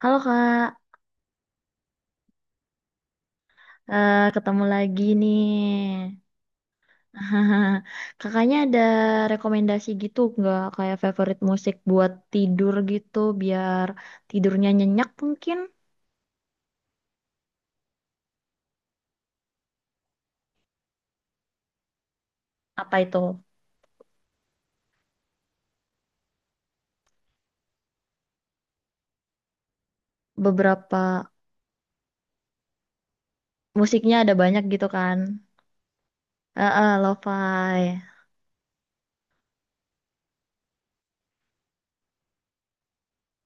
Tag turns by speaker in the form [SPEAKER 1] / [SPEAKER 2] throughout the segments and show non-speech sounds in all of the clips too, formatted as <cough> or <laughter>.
[SPEAKER 1] Halo Kak, ketemu lagi nih. <laughs> Kakaknya ada rekomendasi gitu nggak kayak favorit musik buat tidur gitu biar tidurnya nyenyak mungkin? Apa itu? Beberapa musiknya ada banyak gitu kan? Lo-fi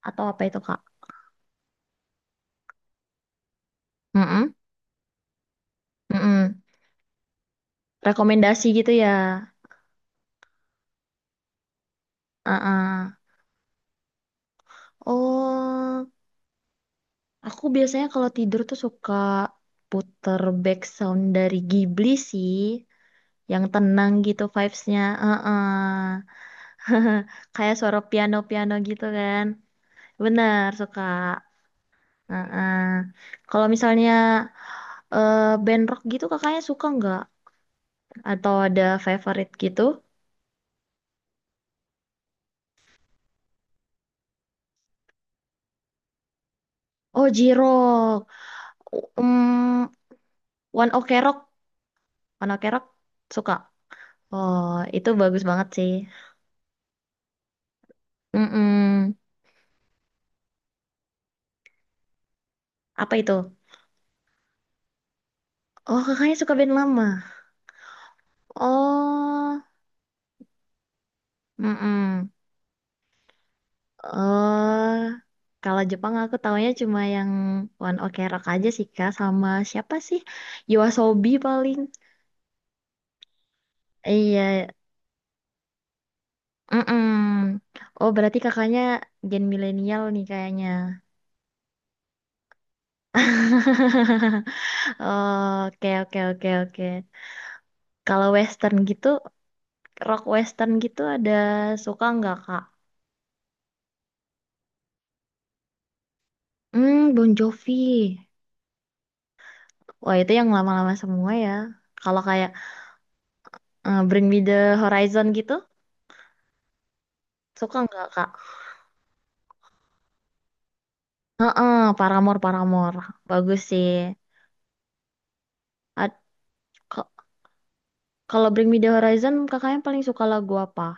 [SPEAKER 1] atau apa itu Kak? Mm-mm, mm-mm. Rekomendasi gitu ya? Eh, eh. Oh, aku biasanya kalau tidur tuh suka puter back sound dari Ghibli sih, yang tenang gitu vibes-nya. Heeh. <laughs> Kayak suara piano-piano gitu kan. Benar, suka. Heeh. Kalau misalnya band rock gitu kakaknya suka nggak? Atau ada favorite gitu? Oh, J-Rock. Um, One Ok Rock. One Ok Rock suka. Oh, itu bagus banget sih. Mm-mm. Apa itu? Oh, kakaknya suka band lama. Oh, mm. Oh, kalau Jepang aku taunya cuma yang One Ok Rock aja sih Kak, sama siapa sih? Yoasobi paling. Iya, mm. Oh, berarti kakaknya gen milenial nih kayaknya. <laughs> Oke, oke, oke, oke. Kalau western gitu, rock western gitu ada suka nggak Kak? Hmm, Bon Jovi. Wah, itu yang lama-lama semua ya. Kalau kayak Bring Me the Horizon gitu, suka nggak Kak? Ah, Paramore, Paramore. Bagus sih. Ad- ke- Kalau Bring Me The Horizon, kakaknya paling suka lagu apa?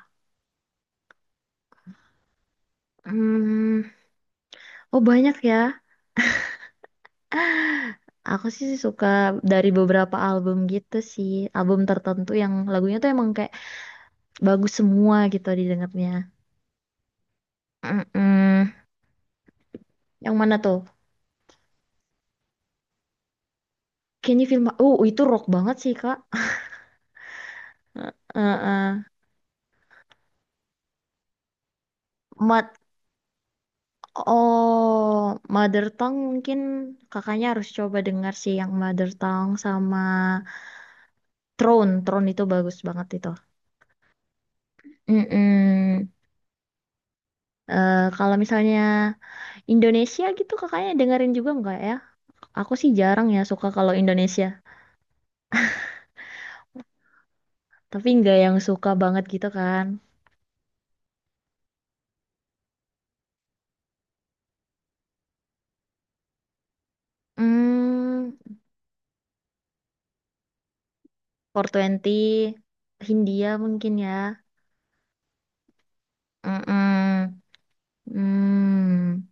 [SPEAKER 1] Hmm, oh banyak ya. Aku sih suka dari beberapa album gitu sih. Album tertentu yang lagunya tuh emang kayak bagus semua gitu didengarnya. Mm-mm. Yang mana tuh? Can You Feel My... Oh, itu rock banget sih, Kak. Heeh. Mat- Oh, Mother Tongue mungkin kakaknya harus coba dengar sih yang Mother Tongue sama Throne, Throne itu bagus banget itu. Mm-mm. Eh kalau misalnya Indonesia gitu kakaknya dengerin juga nggak ya? Aku sih jarang ya suka kalau Indonesia. Tapi nggak yang suka banget gitu kan. Hmm, four Twenty Hindia mungkin ya. Mm-mm. Hmm,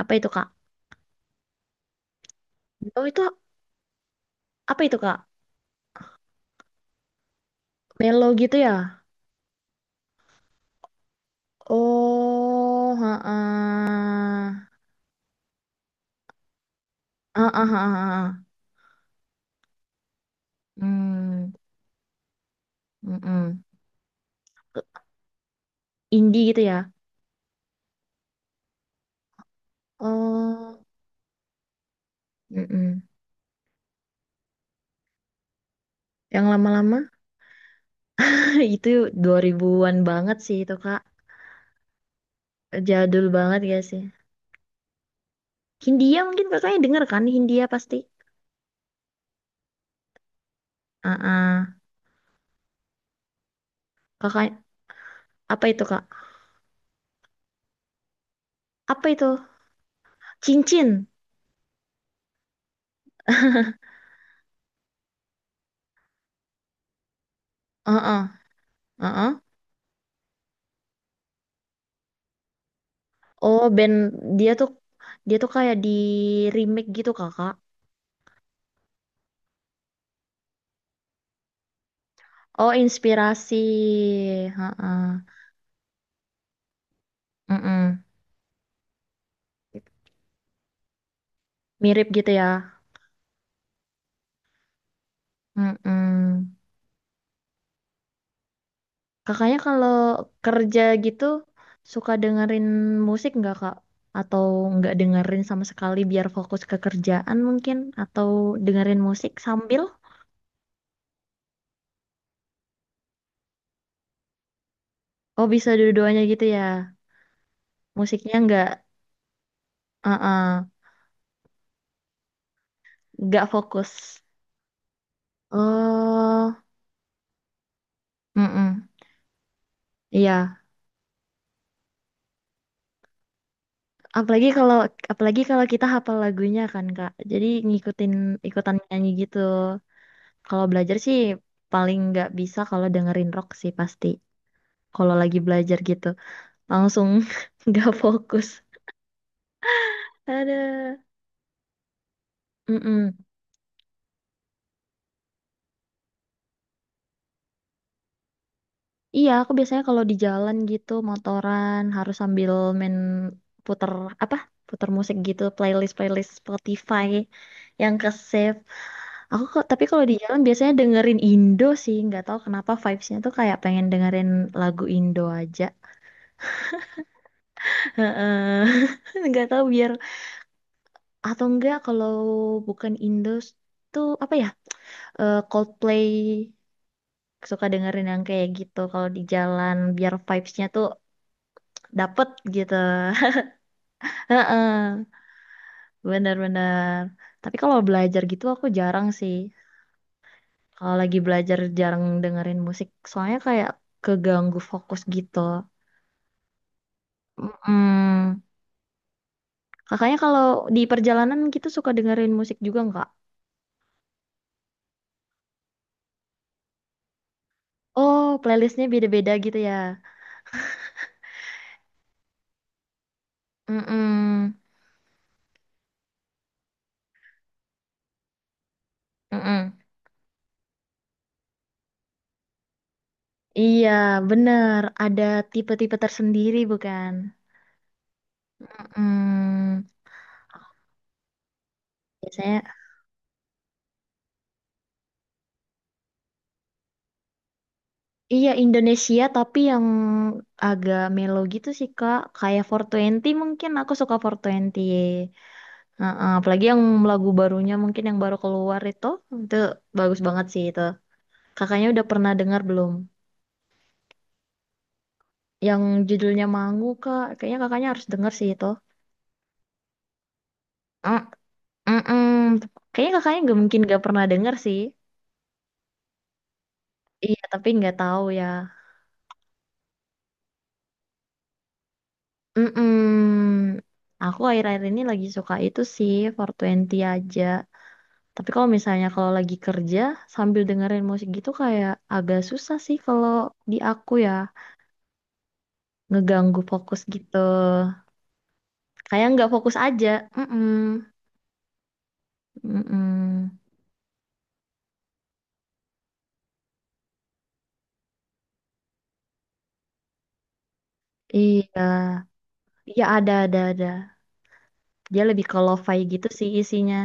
[SPEAKER 1] apa itu kak? Oh itu apa itu kak? Melo gitu ya? Oh, heeh. Heeh, heeh, heeh. Mm. Mm-mm. Indie gitu ya? Oh, Mm-mm. Yang lama-lama <laughs> itu 2000-an banget sih itu Kak. Jadul banget ya sih. Hindia mungkin kakaknya denger kan? Hindia pasti. Ah, Kakak apa itu Kak? Apa itu? Cincin. Heeh, heeh. Oh, dia tuh dia tuh kayak di remake gitu Kakak. Oh, inspirasi. Heeh. mm. Mirip gitu ya. Mm-mm. Kakaknya kalau kerja gitu suka dengerin musik nggak Kak? Atau nggak dengerin sama sekali biar fokus ke kerjaan mungkin? Atau dengerin musik sambil? Oh bisa dua-duanya gitu ya. Musiknya uh nggak fokus. Oh, mm-mm. Iya. Apalagi kalau apalagi kalau kita hafal lagunya kan Kak. Jadi ngikutin ikutan nyanyi gitu. Kalau belajar sih paling nggak bisa kalau dengerin rock sih pasti. Kalau lagi belajar gitu. Langsung <laughs> nggak fokus. Ada. Mm-mm. Iya, aku biasanya kalau di jalan gitu motoran harus sambil main puter apa? Puter musik gitu, playlist playlist Spotify yang ke save. Aku kok tapi kalau di jalan biasanya dengerin Indo sih, nggak tahu kenapa vibesnya tuh kayak pengen dengerin lagu Indo aja. Heeh. <laughs> Nggak tahu biar atau enggak kalau bukan Indo tuh apa ya? Eh, Coldplay suka dengerin yang kayak gitu kalau di jalan biar vibes-nya tuh dapet gitu. <laughs> Heeh, bener-bener. Tapi kalau belajar gitu aku jarang sih. Kalau lagi belajar jarang dengerin musik, soalnya kayak keganggu fokus gitu. Mm-mm. Kakaknya kalau di perjalanan gitu suka dengerin musik juga nggak? Oh, playlistnya beda-beda gitu ya. Mm-mm. Mm-mm. Iya, bener. Ada tipe-tipe tersendiri bukan? Mm-mm. Biasanya iya Indonesia tapi yang agak melo gitu sih Kak. Kayak four Twenty mungkin aku suka 420. Heeh, apalagi yang lagu barunya mungkin yang baru keluar itu bagus banget sih itu. Kakaknya udah pernah dengar belum? Yang judulnya Mangu Kak. Kayaknya kakaknya harus dengar sih itu. Mm, mm, mm. Kayaknya kakaknya nggak mungkin gak pernah dengar sih. Iya tapi nggak tahu ya. Mm, mm. Aku akhir-akhir ini lagi suka itu sih four Twenty aja. Tapi kalau misalnya kalau lagi kerja sambil dengerin musik gitu kayak agak susah sih kalau di aku ya ngeganggu fokus gitu. Kayak nggak fokus aja. Mm-mm. Mm-mm. Iya, iya ada ada. Dia lebih ke lo-fi gitu sih isinya.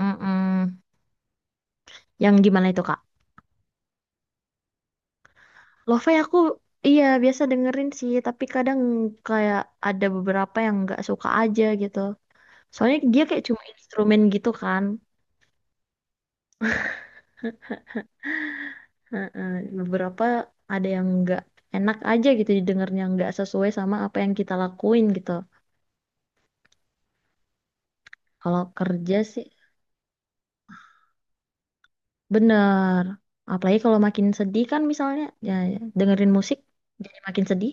[SPEAKER 1] Mm-mm. Yang gimana itu Kak? Lo-fi aku iya biasa dengerin sih, tapi kadang kayak ada beberapa yang nggak suka aja gitu. Soalnya dia kayak cuma instrumen gitu kan. Heeh, beberapa ada yang nggak enak aja gitu didengarnya nggak sesuai sama apa yang kita lakuin gitu. Kalau kerja sih bener. Apalagi kalau makin sedih kan misalnya ya, dengerin musik jadi makin sedih.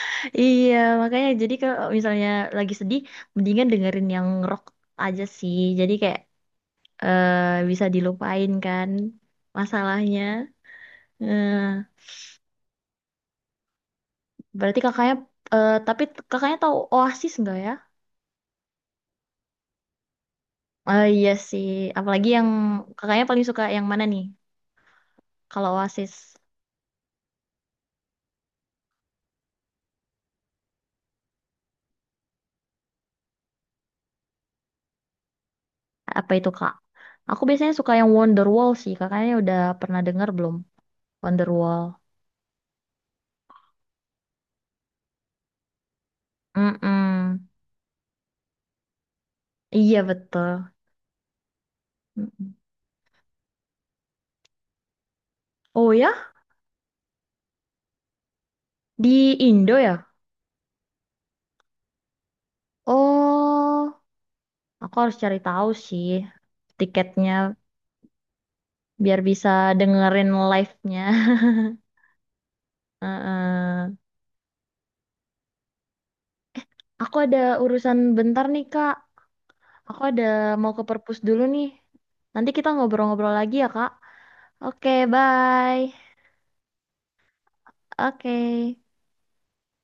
[SPEAKER 1] <laughs> Iya makanya jadi kalau misalnya lagi sedih mendingan dengerin yang rock aja sih. Jadi kayak bisa dilupain kan masalahnya. Eh, berarti kakaknya tapi kakaknya tahu Oasis nggak ya? Oh iya sih, apalagi yang kakaknya paling suka yang mana nih? Kalau Oasis, apa itu kak? Aku biasanya suka yang Wonderwall sih, kakaknya udah pernah dengar belum? Wonderwall. Mm-mm. Iya betul. Mm-mm. Oh ya, di Indo ya? Oh, aku harus cari tahu sih tiketnya biar bisa dengerin live-nya. <laughs> Heeh. Aku ada urusan bentar nih kak. Aku ada mau ke perpus dulu nih. Nanti kita ngobrol-ngobrol lagi ya kak. Oke, bye. Oke.